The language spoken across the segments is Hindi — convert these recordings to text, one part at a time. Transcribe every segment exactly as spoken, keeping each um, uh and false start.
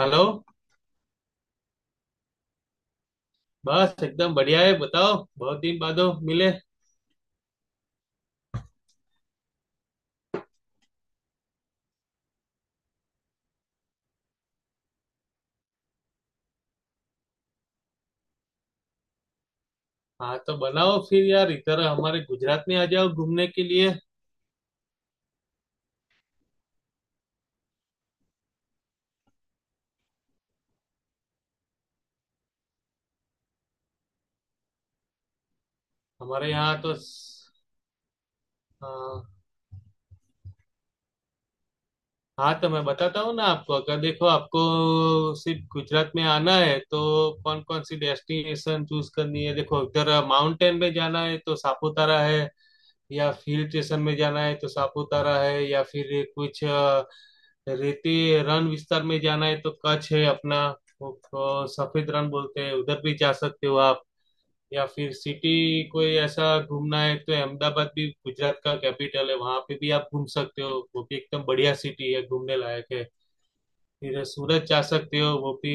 हेलो। बस एकदम बढ़िया है, बताओ, बहुत दिन बादो मिले। हाँ, तो बनाओ फिर यार, इधर हमारे गुजरात में आ जाओ घूमने के लिए। हमारे यहाँ तो स- हाँ। हाँ तो मैं बताता हूँ ना आपको, अगर देखो आपको सिर्फ गुजरात में आना है तो कौन कौन सी डेस्टिनेशन चूज करनी है। देखो इधर माउंटेन में जाना है तो सापुतारा है, या हिल स्टेशन में जाना है तो सापुतारा है, या फिर कुछ अ, रेती रण विस्तार में जाना है तो कच्छ है अपना। वो, अ, सफेद रण बोलते हैं उधर भी जा सकते हो आप। या फिर सिटी कोई ऐसा घूमना है तो अहमदाबाद भी गुजरात का कैपिटल है, वहां पे भी आप घूम सकते हो, वो भी एकदम बढ़िया सिटी है घूमने लायक है। फिर सूरत जा सकते हो वो भी।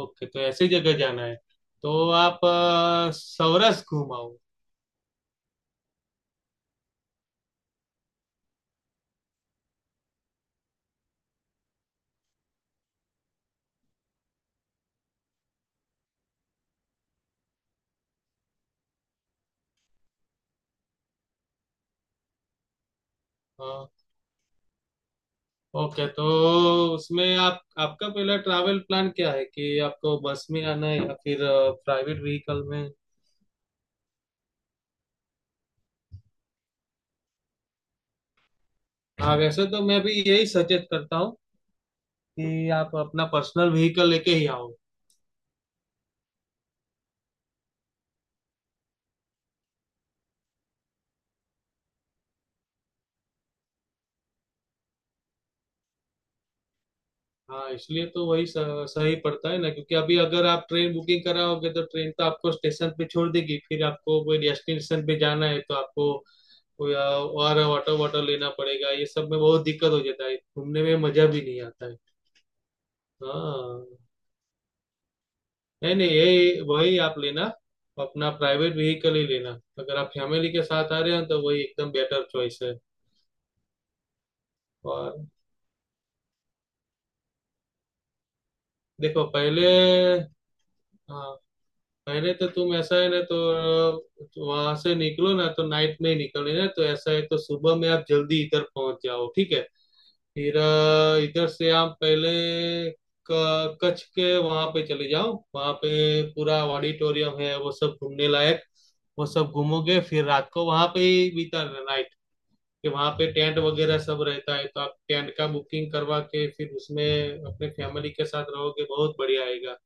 ओके, तो ऐसी जगह जाना है तो आप अ, सौराष्ट्र घूम आओ। हाँ। ओके तो उसमें आप, आपका पहला ट्रैवल प्लान क्या है कि आपको बस में आना है या फिर प्राइवेट व्हीकल में। हाँ, वैसे तो मैं भी यही सजेस्ट करता हूँ कि आप अपना पर्सनल व्हीकल लेके ही आओ। हाँ इसलिए तो वही स- सही पड़ता है ना, क्योंकि अभी अगर आप ट्रेन बुकिंग कराओगे तो ट्रेन तो आपको स्टेशन पे छोड़ देगी, फिर आपको कोई डेस्टिनेशन पे जाना है तो आपको कोई, अ, और ऑटो वाटो लेना पड़ेगा, ये सब में बहुत दिक्कत हो जाता है, घूमने में मजा भी नहीं आता है। हाँ, नहीं नहीं यही वही आप लेना, अपना प्राइवेट व्हीकल ही लेना। अगर आप फैमिली के साथ आ रहे हैं तो वही एकदम बेटर चॉइस है। और देखो पहले, हाँ, अरे तो तुम ऐसा है ना तो वहां से निकलो ना तो नाइट में ही निकलना है, तो ऐसा है तो सुबह में आप जल्दी इधर पहुंच जाओ ठीक है। फिर अ, इधर से आप पहले क- कच्छ के वहां पे चले जाओ, वहां पे पूरा ऑडिटोरियम है वो सब घूमने लायक। वो सब घूमोगे फिर रात को वहां पे ही बिताना नाइट, कि वहां पे टेंट वगैरह सब रहता है तो आप टेंट का बुकिंग करवा के फिर उसमें अपने फैमिली के साथ रहोगे, बहुत बढ़िया आएगा,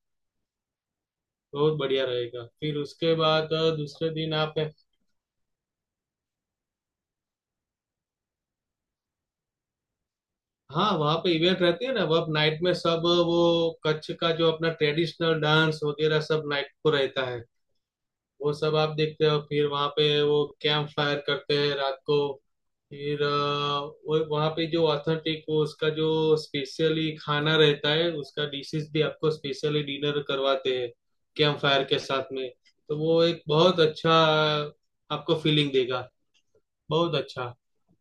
बहुत बढ़िया रहेगा। फिर उसके बाद अ, दूसरे दिन आप, हाँ वहाँ पे इवेंट रहती है ना, वह नाइट में सब। वो कच्छ का जो अपना ट्रेडिशनल डांस वगैरह सब नाइट को रहता है, वो सब आप देखते हो। फिर वहाँ पे वो कैंप फायर करते हैं रात को, फिर अ, वो वहाँ पे जो ऑथेंटिक वो उसका जो स्पेशली खाना रहता है, उसका डिशेस भी आपको स्पेशली डिनर करवाते हैं कैंप फायर के साथ में। तो वो एक बहुत अच्छा आपको फीलिंग देगा, बहुत अच्छा।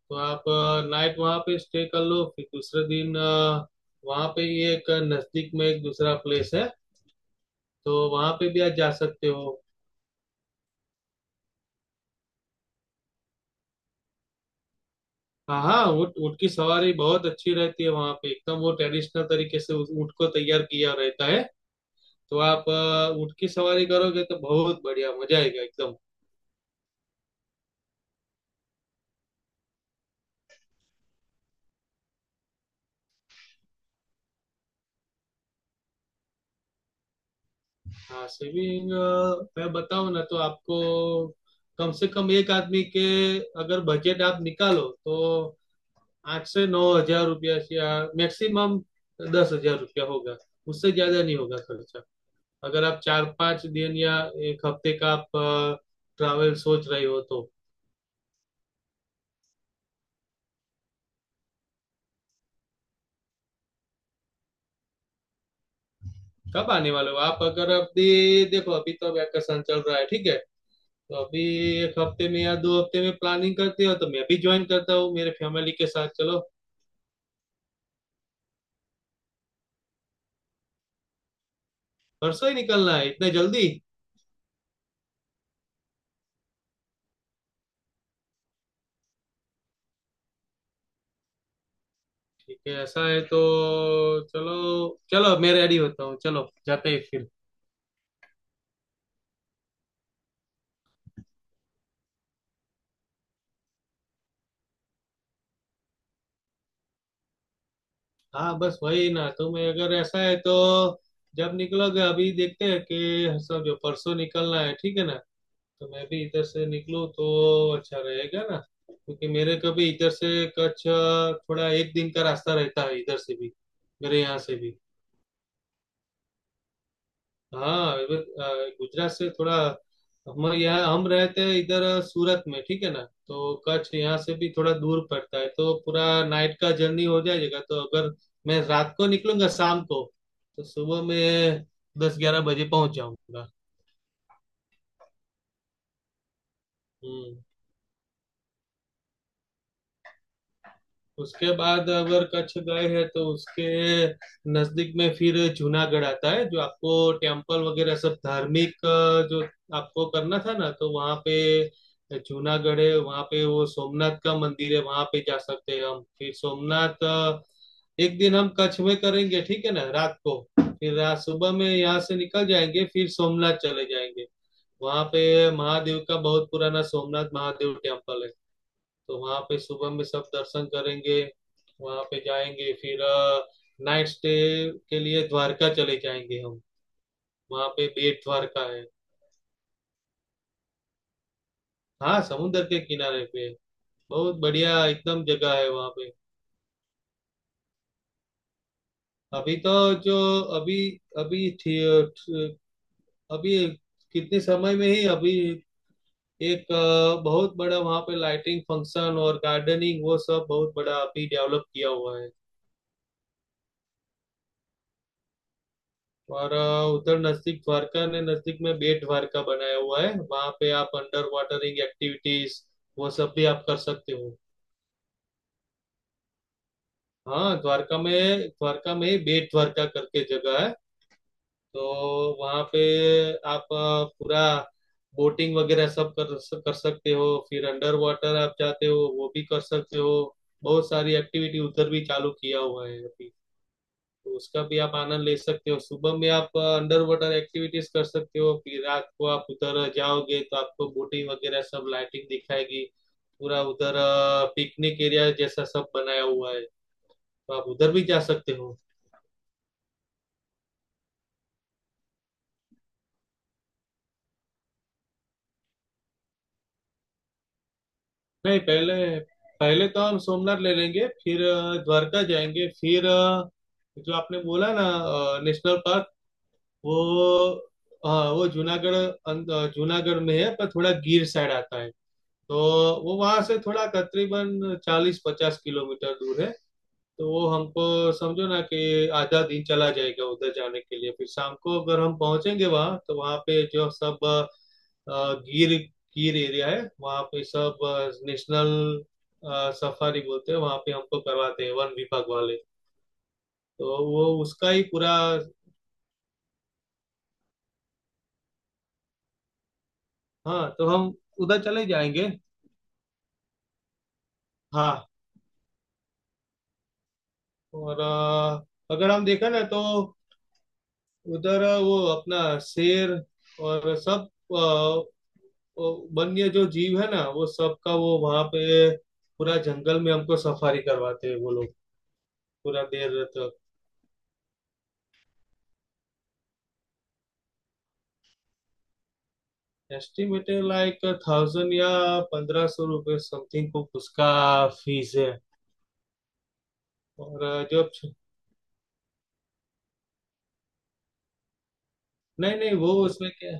तो आप नाइट वहां पे स्टे कर लो, फिर दूसरे दिन अ, वहां पे ही एक नजदीक में एक दूसरा प्लेस है तो वहां पे भी आप जा सकते हो। हाँ, हाँ, ऊँट ऊँट की सवारी बहुत अच्छी रहती है, वहां पे एकदम वो ट्रेडिशनल तरीके से उस ऊँट को तैयार किया रहता है, तो आप अ, ऊँट की सवारी करोगे तो बहुत बढ़िया मजा आएगा एकदम। हाँ सेविंग, मैं बताऊँ ना तो आपको कम से कम एक आदमी के अगर बजट आप निकालो तो आठ से नौ हजार रुपया या मैक्सिमम दस हजार रुपया होगा, उससे ज्यादा नहीं होगा खर्चा। अगर आप चार पांच दिन या एक हफ्ते का आप ट्रैवल सोच रहे हो तो कब आने वाले हो आप? अगर अभी देखो, अभी तो वैकेशन चल रहा है ठीक है, तो अभी एक हफ्ते में या दो हफ्ते में प्लानिंग करते हो तो मैं भी ज्वाइन करता हूँ मेरे फैमिली के साथ चलो। परसों ही निकलना है इतने जल्दी? ठीक है ऐसा है तो, चलो, चलो मैं रेडी होता हूँ, चलो जाते हैं फिर। हाँ बस वही ना, तो मैं अगर ऐसा है तो जब निकलोगे, अभी देखते हैं कि समझो परसों निकलना है ठीक है ना, तो मैं भी इधर से निकलूँ तो अच्छा रहेगा ना, क्योंकि मेरे को भी इधर से कच्छ थोड़ा एक दिन का रास्ता रहता है, इधर से भी, मेरे यहाँ से भी। हाँ अ, गुजरात से थोड़ा, हम यहाँ हम रहते हैं इधर सूरत में ठीक है ना, तो कच्छ यहाँ से भी थोड़ा दूर पड़ता है, तो पूरा नाइट का जर्नी हो जाएगा, तो अगर मैं रात को निकलूंगा शाम को, तो सुबह में दस ग्यारह बजे पहुंच जाऊंगा। हम्म। उसके बाद अगर कच्छ गए हैं तो उसके नजदीक में फिर जूनागढ़ आता है, जो आपको टेम्पल वगैरह सब धार्मिक अ, जो आपको करना था ना तो वहाँ पे, जूनागढ़ है वहाँ पे, वो सोमनाथ का मंदिर है वहाँ पे, जा सकते हैं हम। फिर सोमनाथ, अ, एक दिन हम कच्छ में करेंगे ठीक है ना रात को, फिर रात सुबह में यहाँ से निकल जाएंगे फिर सोमनाथ चले जाएंगे। वहाँ पे महादेव का बहुत पुराना सोमनाथ महादेव टेम्पल है, तो वहां पे सुबह में सब दर्शन करेंगे, वहां पे जाएंगे फिर नाइट स्टे के लिए द्वारका चले जाएंगे हम। वहां पे बेट द्वारका है, हाँ समुद्र के किनारे पे है। बहुत बढ़िया एकदम जगह है वहां पे। अभी तो जो अभी अभी थी, अभी कितने समय में ही अभी एक अ, बहुत बड़ा वहां पे लाइटिंग फंक्शन और गार्डनिंग वो सब बहुत बड़ा अभी डेवलप किया हुआ है हमारा। उधर नजदीक द्वारका ने नजदीक में बेट द्वारका बनाया हुआ है, वहां पे आप अंडर वाटरिंग एक्टिविटीज वो सब भी आप कर सकते हो। हाँ द्वारका में, द्वारका में ही बेट द्वारका करके जगह है, तो वहां पे आप अ, पूरा बोटिंग वगैरह सब कर कर सकते हो, फिर अंडर वाटर आप जाते हो वो भी कर सकते हो, बहुत सारी एक्टिविटी उधर भी चालू किया हुआ है अभी, तो उसका भी आप आनंद ले सकते हो। सुबह में आप अंडर वाटर एक्टिविटीज कर सकते हो, फिर रात को आप उधर जाओगे तो आपको बोटिंग वगैरह सब लाइटिंग दिखाएगी, पूरा उधर पिकनिक एरिया जैसा सब बनाया हुआ है, तो आप उधर भी जा सकते हो। नहीं पहले, पहले तो हम सोमनाथ ले लेंगे, फिर अ, द्वारका जाएंगे, फिर अ, जो आपने बोला ना नेशनल पार्क, वो, हाँ वो जूनागढ़ अं- अ, जूनागढ़ में है पर थोड़ा गिर साइड आता है, तो वो वहां से थोड़ा करीबन चालीस पचास किलोमीटर दूर है, तो वो हमको, समझो ना कि आधा दिन चला जाएगा उधर जाने के लिए, फिर शाम को अगर हम पहुंचेंगे वहां तो वहां पे जो सब अ, गिर गिर एरिया है वहां पे सब नेशनल, सफारी बोलते हैं वहां पे हमको करवाते हैं वन विभाग वाले, तो वो उसका ही पूरा। हाँ तो हम उधर चले जाएंगे। हाँ और अ, अगर हम देखा ना तो उधर अ, वो अपना शेर और सब अ, वो वन्य जो जीव है ना वो सबका वो वहां पे पूरा जंगल में हमको सफारी करवाते हैं वो लोग, पूरा देर रात तक। एस्टिमेटेड लाइक थाउजेंड या पंद्रह सौ रुपये समथिंग कुछ उसका फीस है। और अ, जो, नहीं नहीं वो उसमें क्या,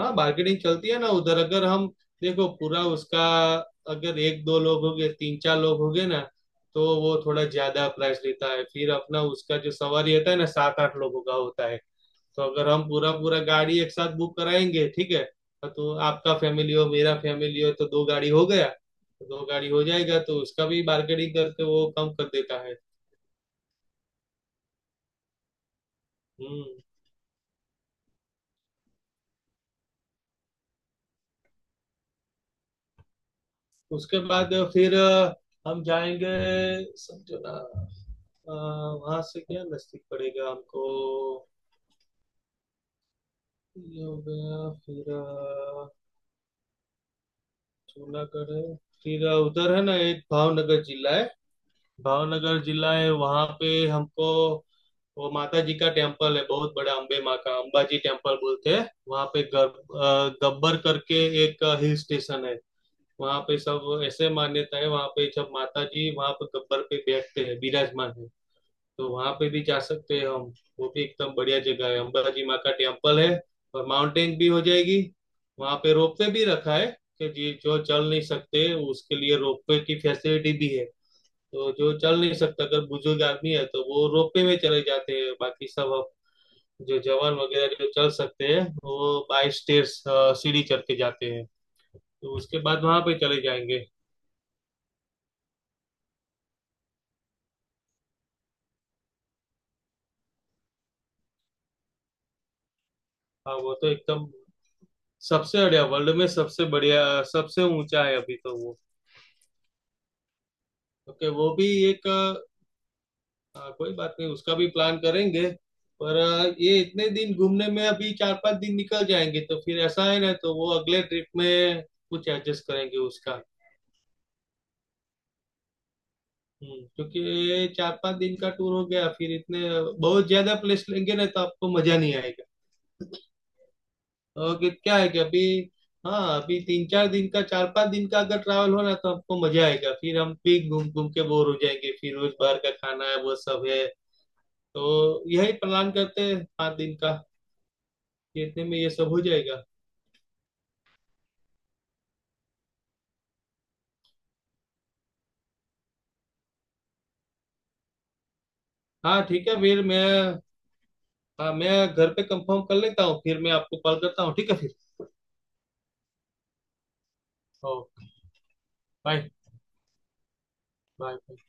हाँ मार्केटिंग चलती है ना उधर, अगर हम देखो पूरा उसका, अगर एक दो लोग हो गए तीन चार लोग हो गए ना तो वो थोड़ा ज्यादा प्राइस लेता है, फिर अपना उसका जो सवारी होता है ना सात आठ लोगों का होता है, तो अगर हम पूरा पूरा गाड़ी एक साथ बुक कराएंगे ठीक है, तो आपका फैमिली हो मेरा फैमिली हो तो दो गाड़ी हो गया, तो दो गाड़ी हो जाएगा, तो उसका भी मार्केटिंग करके वो कम कर देता है। हम्म। उसके बाद फिर अ, हम जाएंगे, समझो ना वहां से क्या नजदीक पड़ेगा हमको, ये हो गया, फिर अ, जूनागढ़ है, फिर अ, उधर है ना एक भावनगर जिला है, भावनगर जिला है वहां पे हमको, वो माता जी का टेम्पल है बहुत बड़ा, अंबे माँ का अंबाजी टेम्पल बोलते हैं वहां पे, गब, अ, गब्बर करके एक हिल स्टेशन है, वहां पे सब ऐसे मान्यता है वहां पे जब माता जी वहां पे गब्बर पे बैठते हैं विराजमान है, तो वहां पे भी जा सकते हैं हम, वो भी एकदम बढ़िया जगह है, अंबाजी माँ का टेम्पल है, और माउंटेन भी हो जाएगी। वहां पे रोपवे भी रखा है कि जी जो चल नहीं सकते उसके लिए रोपवे की फैसिलिटी भी है, तो जो चल नहीं सकता अगर बुजुर्ग आदमी है तो वो रोपवे में चले जाते हैं, बाकी सब अब जो जवान वगैरह जो चल सकते हैं वो बाई स्टेयर्स सीढ़ी चढ़ के जाते हैं, तो उसके बाद वहां पे चले जाएंगे। हाँ वो तो एकदम सबसे बढ़िया, वर्ल्ड में सबसे बढ़िया सबसे ऊंचा है अभी तो वो। ओके वो भी एक, आ, कोई बात नहीं उसका भी प्लान करेंगे, पर आ, ये इतने दिन घूमने में अभी चार पांच दिन निकल जाएंगे तो फिर ऐसा है ना, तो वो अगले ट्रिप में कुछ एडजस्ट करेंगे उसका। हम्म, क्योंकि चार पांच दिन का टूर हो गया फिर इतने बहुत ज्यादा प्लेस लेंगे ना तो आपको मजा नहीं आएगा, और कि- क्या है कि अभी, हाँ अभी तीन चार दिन का चार पांच दिन का अगर ट्रैवल हो ना तो आपको मजा आएगा, फिर हम भी घूम घूम के बोर हो जाएंगे, फिर रोज बाहर का खाना है वो सब है, तो यही प्लान करते हैं पाँच दिन का कि इतने में ये सब हो जाएगा। हाँ ठीक है फिर मैं, हाँ मैं घर पे कंफर्म कर लेता हूँ फिर मैं आपको कॉल करता हूँ, ठीक है फिर। ओके। बाय। बाय।